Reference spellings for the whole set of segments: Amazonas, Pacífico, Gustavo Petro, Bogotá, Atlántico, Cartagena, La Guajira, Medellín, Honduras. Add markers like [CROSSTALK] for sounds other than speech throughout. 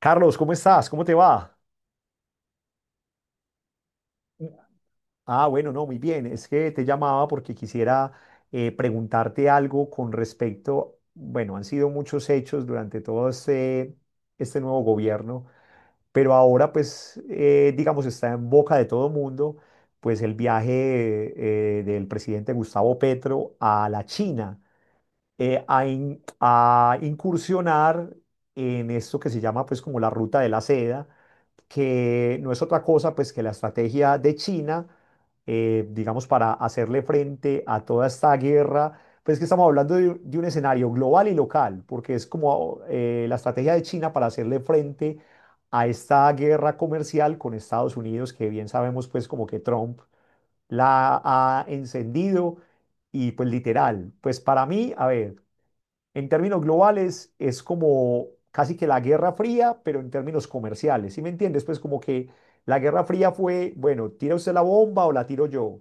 Carlos, ¿cómo estás? ¿Cómo te va? Ah, bueno, no, muy bien. Es que te llamaba porque quisiera preguntarte algo con respecto, bueno, han sido muchos hechos durante todo este nuevo gobierno, pero ahora pues, digamos, está en boca de todo mundo, pues el viaje del presidente Gustavo Petro a la China a incursionar en esto que se llama pues como la ruta de la seda, que no es otra cosa pues que la estrategia de China, digamos, para hacerle frente a toda esta guerra, pues que estamos hablando de un escenario global y local, porque es como la estrategia de China para hacerle frente a esta guerra comercial con Estados Unidos, que bien sabemos pues como que Trump la ha encendido. Y pues literal, pues para mí, a ver. En términos globales, es como casi que la Guerra Fría, pero en términos comerciales. ¿Sí me entiendes? Pues como que la Guerra Fría fue, bueno, tira usted la bomba o la tiro yo.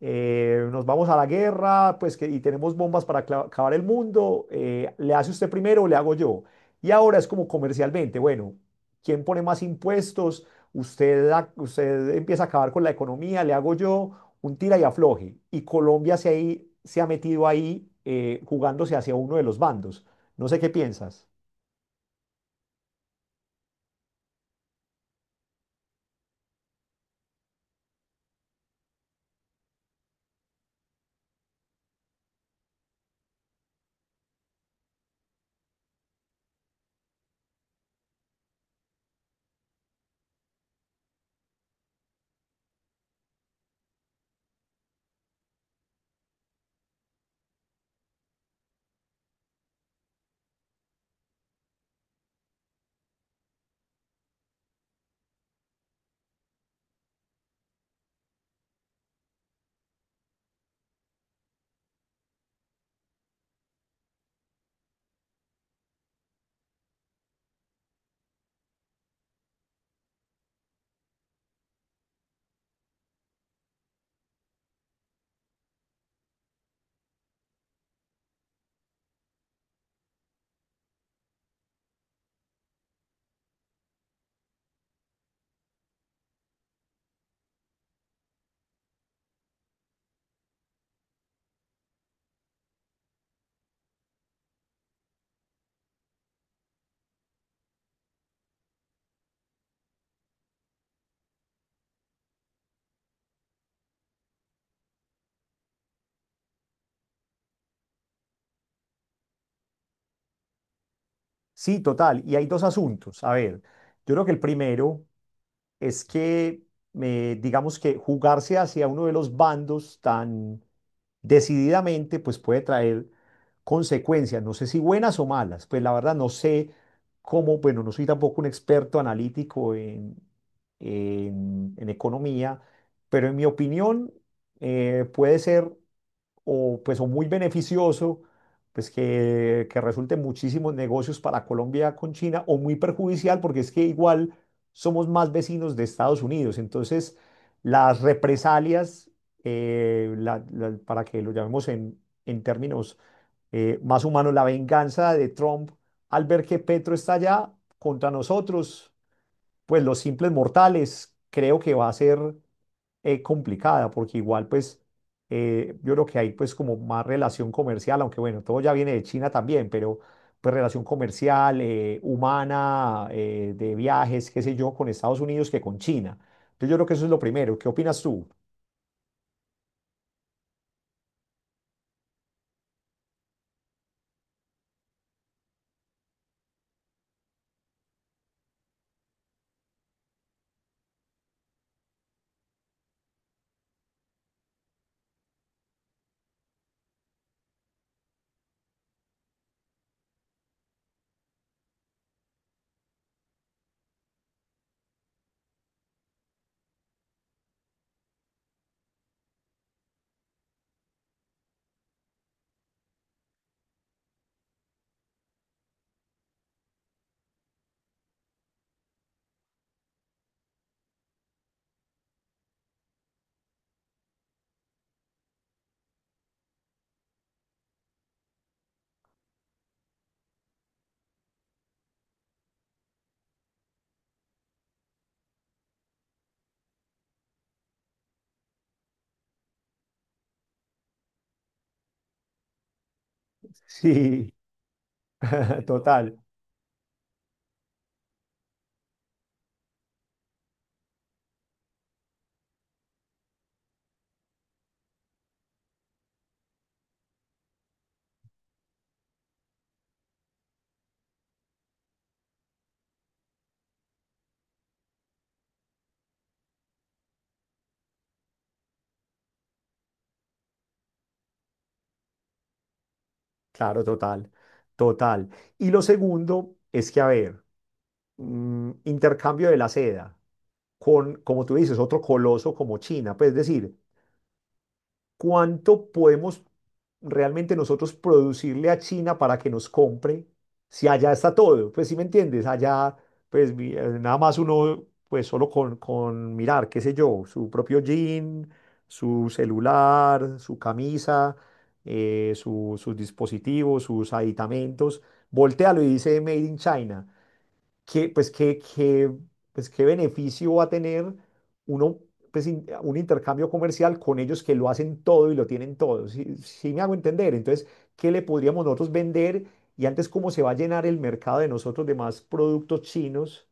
Nos vamos a la guerra, pues que, y tenemos bombas para acabar el mundo. ¿Le hace usted primero o le hago yo? Y ahora es como comercialmente, bueno, ¿quién pone más impuestos? Usted, usted empieza a acabar con la economía, le hago yo un tira y afloje. Y Colombia se, ahí, se ha metido ahí jugándose hacia uno de los bandos. No sé qué piensas. Sí, total. Y hay dos asuntos. A ver, yo creo que el primero es que, digamos que jugarse hacia uno de los bandos tan decididamente, pues puede traer consecuencias, no sé si buenas o malas, pues la verdad no sé cómo, bueno, no soy tampoco un experto analítico en economía, pero en mi opinión puede ser o pues o muy beneficioso, pues que resulte en muchísimos negocios para Colombia con China, o muy perjudicial, porque es que igual somos más vecinos de Estados Unidos. Entonces, las represalias, para que lo llamemos en términos más humanos, la venganza de Trump al ver que Petro está allá contra nosotros, pues los simples mortales, creo que va a ser complicada, porque igual pues yo creo que hay pues como más relación comercial, aunque bueno, todo ya viene de China también, pero pues relación comercial, humana, de viajes, qué sé yo, con Estados Unidos que con China. Entonces yo creo que eso es lo primero. ¿Qué opinas tú? Sí, [LAUGHS] total, claro, total, total. Y lo segundo es que, a ver, intercambio de la seda con, como tú dices, otro coloso como China, pues es decir, ¿cuánto podemos realmente nosotros producirle a China para que nos compre si allá está todo? Pues sí me entiendes, allá pues nada más uno pues solo con mirar, qué sé yo, su propio jean, su celular, su camisa, sus dispositivos, sus aditamentos, voltealo y dice Made in China, qué, pues, qué beneficio va a tener uno, pues, un intercambio comercial con ellos que lo hacen todo y lo tienen todo. Si, si me hago entender. Entonces, ¿qué le podríamos nosotros vender? Y antes, ¿cómo se va a llenar el mercado de nosotros de más productos chinos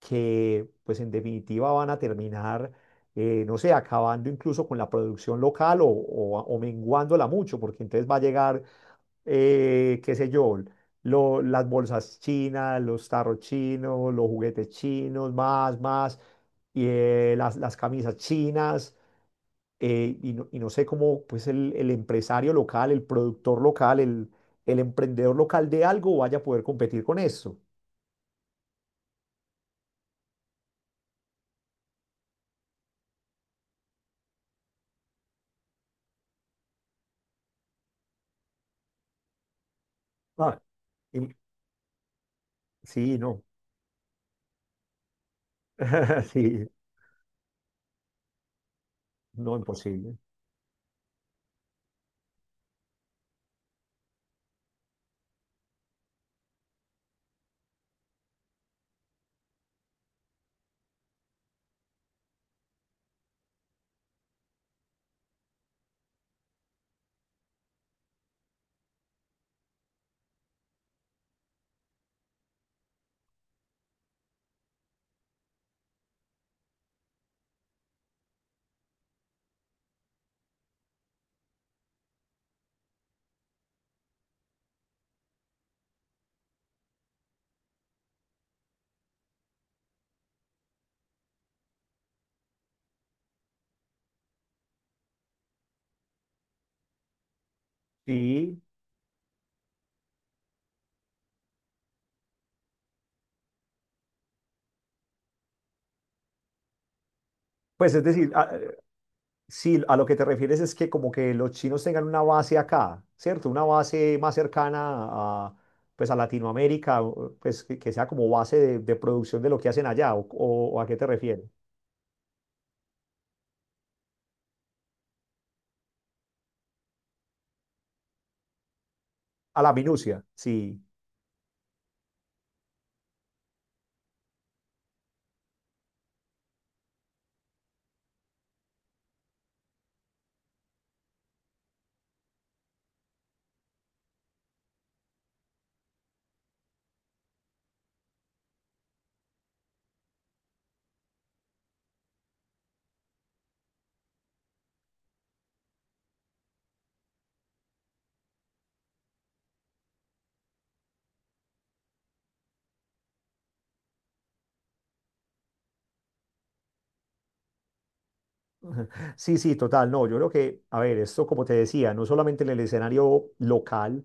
que, pues, en definitiva van a terminar, no sé, acabando incluso con la producción local o menguándola mucho, porque entonces va a llegar qué sé yo, las bolsas chinas, los tarros chinos, los juguetes chinos, más, y, las camisas chinas, y no sé cómo, pues el empresario local, el productor local, el emprendedor local de algo vaya a poder competir con eso. Ah, y- sí, no, [LAUGHS] sí, no, imposible. Sí, pues es decir, a- Sí, a lo que te refieres es que como que los chinos tengan una base acá, ¿cierto? Una base más cercana a, pues a Latinoamérica, o, pues que sea como base de producción de lo que hacen allá, o a qué te refieres. A la minucia, sí. Sí, sí, total, no, yo creo que, a ver, esto como te decía, no solamente en el escenario local,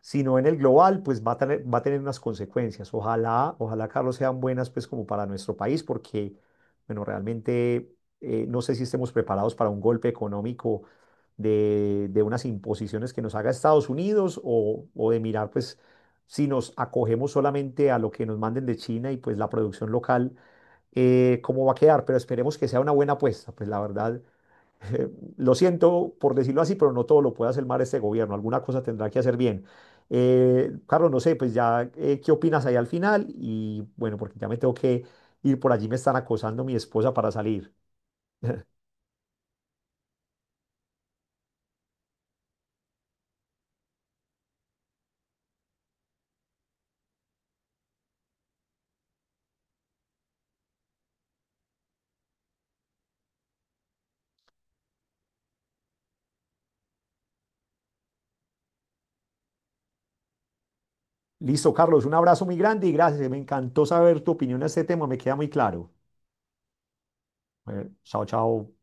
sino en el global, pues va a tener unas consecuencias. Ojalá, ojalá, Carlos, sean buenas, pues como para nuestro país, porque, bueno, realmente no sé si estemos preparados para un golpe económico de unas imposiciones que nos haga Estados Unidos, o de mirar, pues, si nos acogemos solamente a lo que nos manden de China y pues la producción local, cómo va a quedar. Pero esperemos que sea una buena apuesta, pues la verdad eh, lo siento por decirlo así, pero no todo lo puede hacer mal este gobierno, alguna cosa tendrá que hacer bien. Carlos, no sé, pues ya, ¿qué opinas ahí al final? Y bueno, porque ya me tengo que ir por allí, me están acosando mi esposa para salir. [LAUGHS] Listo, Carlos, un abrazo muy grande y gracias, me encantó saber tu opinión a este tema, me queda muy claro. Chao, chao.